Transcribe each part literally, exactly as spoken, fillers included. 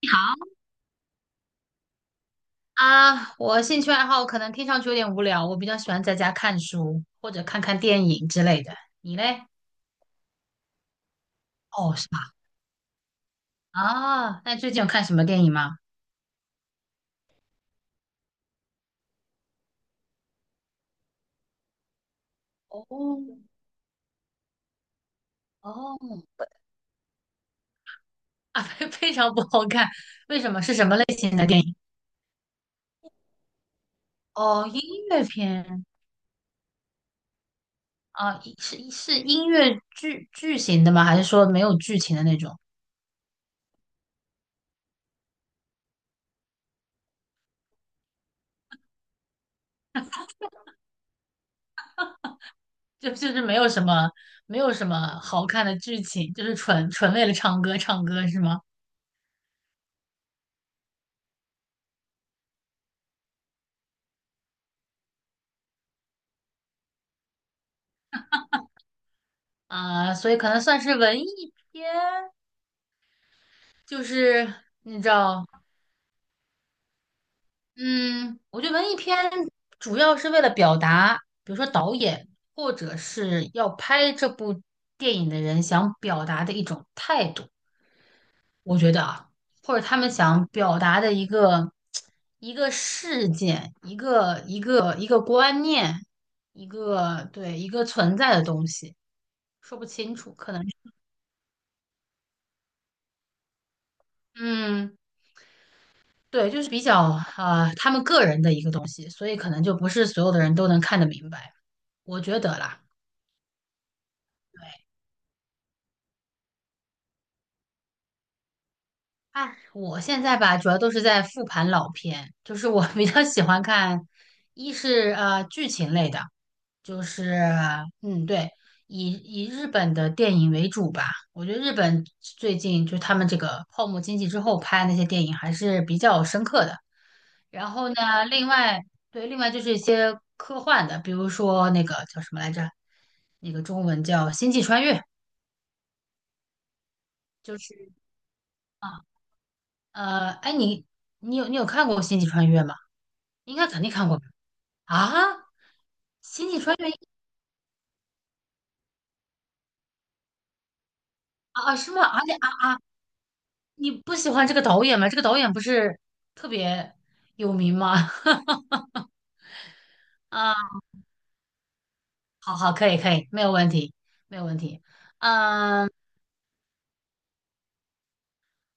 你好，啊，我兴趣爱好可能听上去有点无聊，我比较喜欢在家看书或者看看电影之类的。你嘞？哦，是吧？啊，那最近有看什么电影吗？哦哦，啊，非非常不好看，为什么？是什么类型的电影？哦，音乐片啊，一是是音乐剧剧情的吗？还是说没有剧情的那种？就就是没有什么没有什么好看的剧情，就是纯纯为了唱歌唱歌是吗？啊，所以可能算是文艺片，就是你知道，嗯，我觉得文艺片主要是为了表达，比如说导演或者是要拍这部电影的人想表达的一种态度，我觉得啊，或者他们想表达的一个一个事件，一个一个一个观念，一个对一个存在的东西，说不清楚，可能嗯。对，就是比较呃他们个人的一个东西，所以可能就不是所有的人都能看得明白，我觉得啦。对，哎，我现在吧，主要都是在复盘老片，就是我 比较喜欢看，一是呃剧情类的，就是嗯对，以以日本的电影为主吧。我觉得日本最近就他们这个泡沫经济之后拍的那些电影还是比较深刻的。然后呢，另外对，另外就是一些科幻的，比如说那个叫什么来着，那个中文叫《星际穿越》，就是啊，呃，哎，你你有你有看过《星际穿越》吗？应该肯定看过吧啊，《星际穿越》啊，啊是吗？而且啊，你不喜欢这个导演吗？这个导演不是特别有名吗？啊，好好，可以可以，没有问题，没有问题。嗯。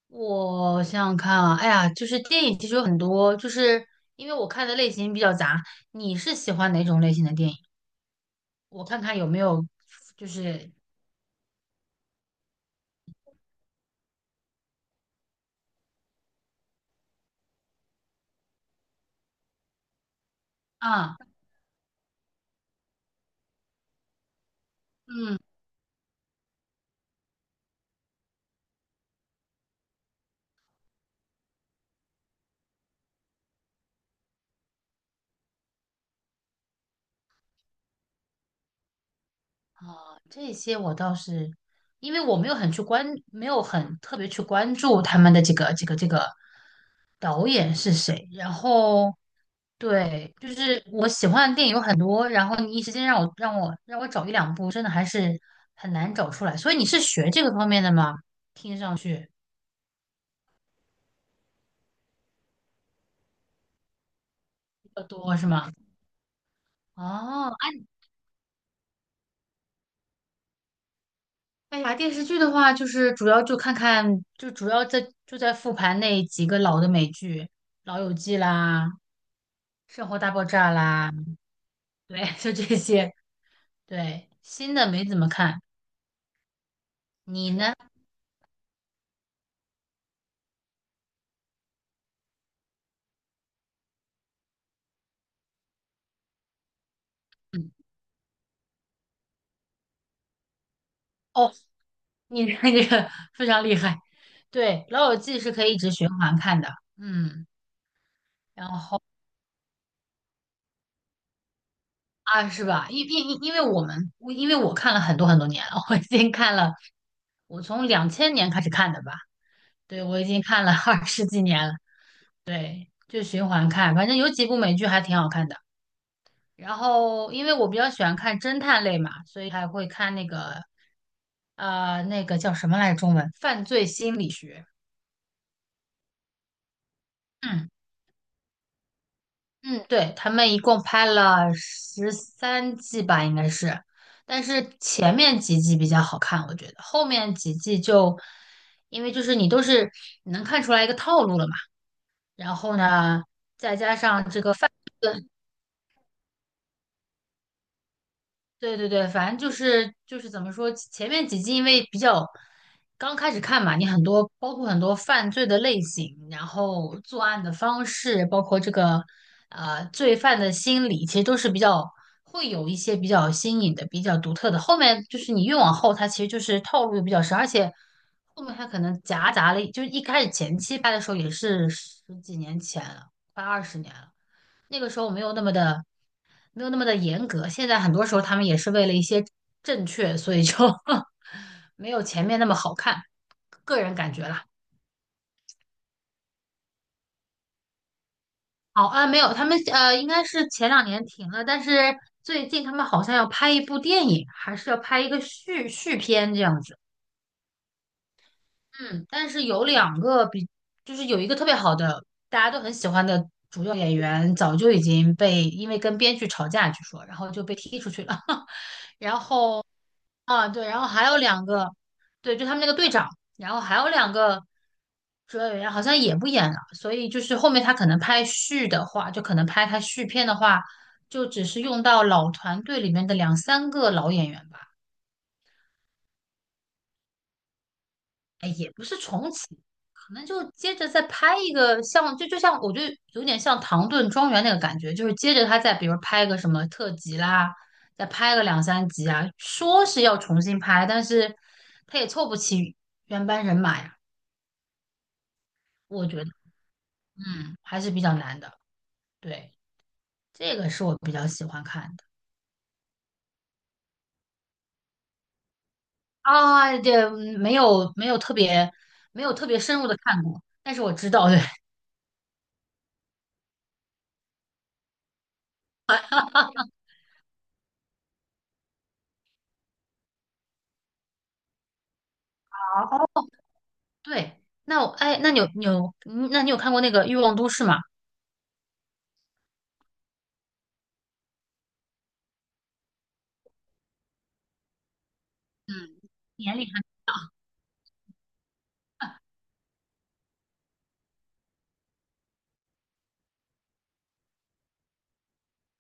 我想想看啊，哎呀，就是电影其实有很多，就是因为我看的类型比较杂。你是喜欢哪种类型的电影？我看看有没有，就是啊，嗯啊，这些我倒是，因为我没有很去关，没有很特别去关注他们的这个这个这个导演是谁。然后对，就是我喜欢的电影有很多，然后你一时间让我让我让我找一两部，真的还是很难找出来。所以你是学这个方面的吗？听上去比较多是吗？哦，哎哎呀，电视剧的话，就是主要就看看，就主要在就在复盘那几个老的美剧，《老友记》啦，《生活大爆炸》啦，对，就这些。对，新的没怎么看。你呢？嗯哦。你这个非常厉害，对，《老友记》是可以一直循环看的，嗯，然后啊，是吧？因因因因为我们，我因为我看了很多很多年了，我已经看了，我从两千年开始看的吧，对，我已经看了 二十几年了，对，就循环看，反正有几部美剧还挺好看的。然后，因为我比较喜欢看侦探类嘛，所以还会看那个呃，那个叫什么来着中文？犯罪心理学，嗯。嗯，对，他们一共拍了十三季吧，应该是，但是前面几季比较好看，我觉得后面几季就，因为就是你都是你能看出来一个套路了嘛，然后呢，对对对，反正就是就是怎么说，前面几季因为比较刚开始看嘛，你很多包括很多犯罪的类型，然后作案的方式，包括这个呃罪犯的心理，其实都是比较会有一些比较新颖的、比较独特的。后面就是你越往后，它其实就是套路比较深，而且后面它可能夹杂了，就是一开始前期拍的时候也是十几年前了，快二十年了。那个时候没有那么的，没有那么的严格。现在很多时候他们也是为了一些正确，所以就 没有前面那么好看，个人感觉啦。好啊，没有，他们呃应该是前两年停了，但是最近他们好像要拍一部电影，还是要拍一个续续片这样子。嗯，但是有两个比，就是有一个特别好的，大家都很喜欢的主要演员，早就已经被因为跟编剧吵架，据说，然后就被踢出去了。然后啊，对，然后还有两个，对，就他们那个队长，然后还有两个主要演员好像也不演了，所以就是后面他可能拍续的话，就可能拍他续片的话，就只是用到老团队里面的两三个老演员吧，哎，也不是重启，可能就接着再拍一个像，就就像我就有点像《唐顿庄园》那个感觉，就是接着他再比如拍个什么特辑啦，再拍个两三集啊，说是要重新拍，但是他也凑不齐原班人马呀。我觉得，嗯，还是比较难的。对，这个是我比较喜欢看的啊，这嗯没有没有特别没有特别深入的看过，但是我知道，对哦，对。那我哎，那你有你有嗯那你有看过那个《欲望都市》吗？嗯年龄还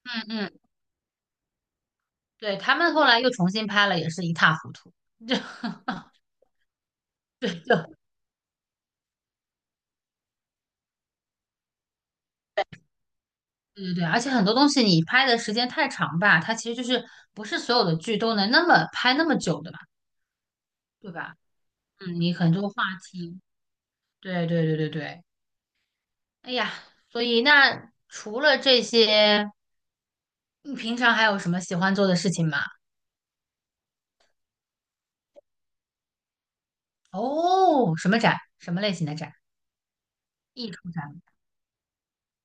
嗯嗯，对，他们后来又重新拍了，也是一塌糊涂。就对，就 对对对，而且很多东西你拍的时间太长吧，它其实就是不是所有的剧都能那么拍那么久的嘛，对吧？嗯，你很多话题。对对对对对，哎呀，所以那除了这些，你平常还有什么喜欢做的事情吗？哦，什么展？什么类型的展？艺术展吗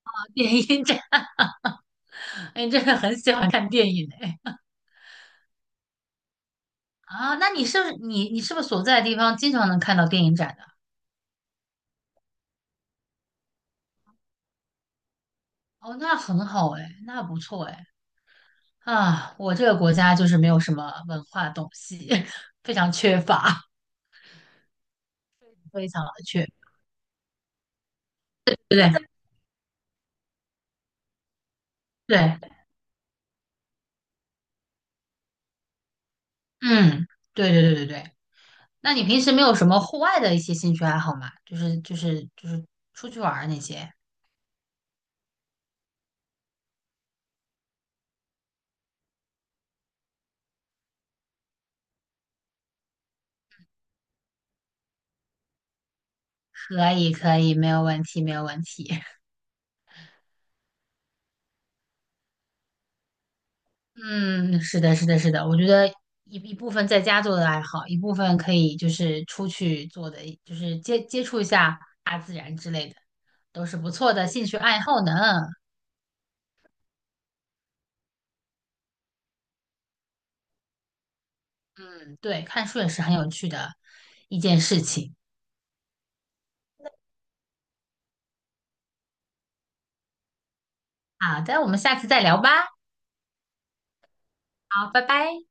啊 电影展？哎，你真的很喜欢看电影哎。啊，那你是不是你你是不是所在的地方经常能看到电影展的？哦，那很好哎，那不错哎。啊，我这个国家就是没有什么文化东西，非常缺乏，非常的缺，对不对？对，嗯，对对对对对。那你平时没有什么户外的一些兴趣爱好吗？就是就是就是出去玩儿那些，可以可以，没有问题没有问题。嗯，是的，是的，是的，我觉得一一部分在家做的爱好，一部分可以就是出去做的，就是接接触一下大自然之类的，都是不错的兴趣爱好呢。嗯，对，看书也是很有趣的一件事情。好的，我们下次再聊吧。好，拜拜。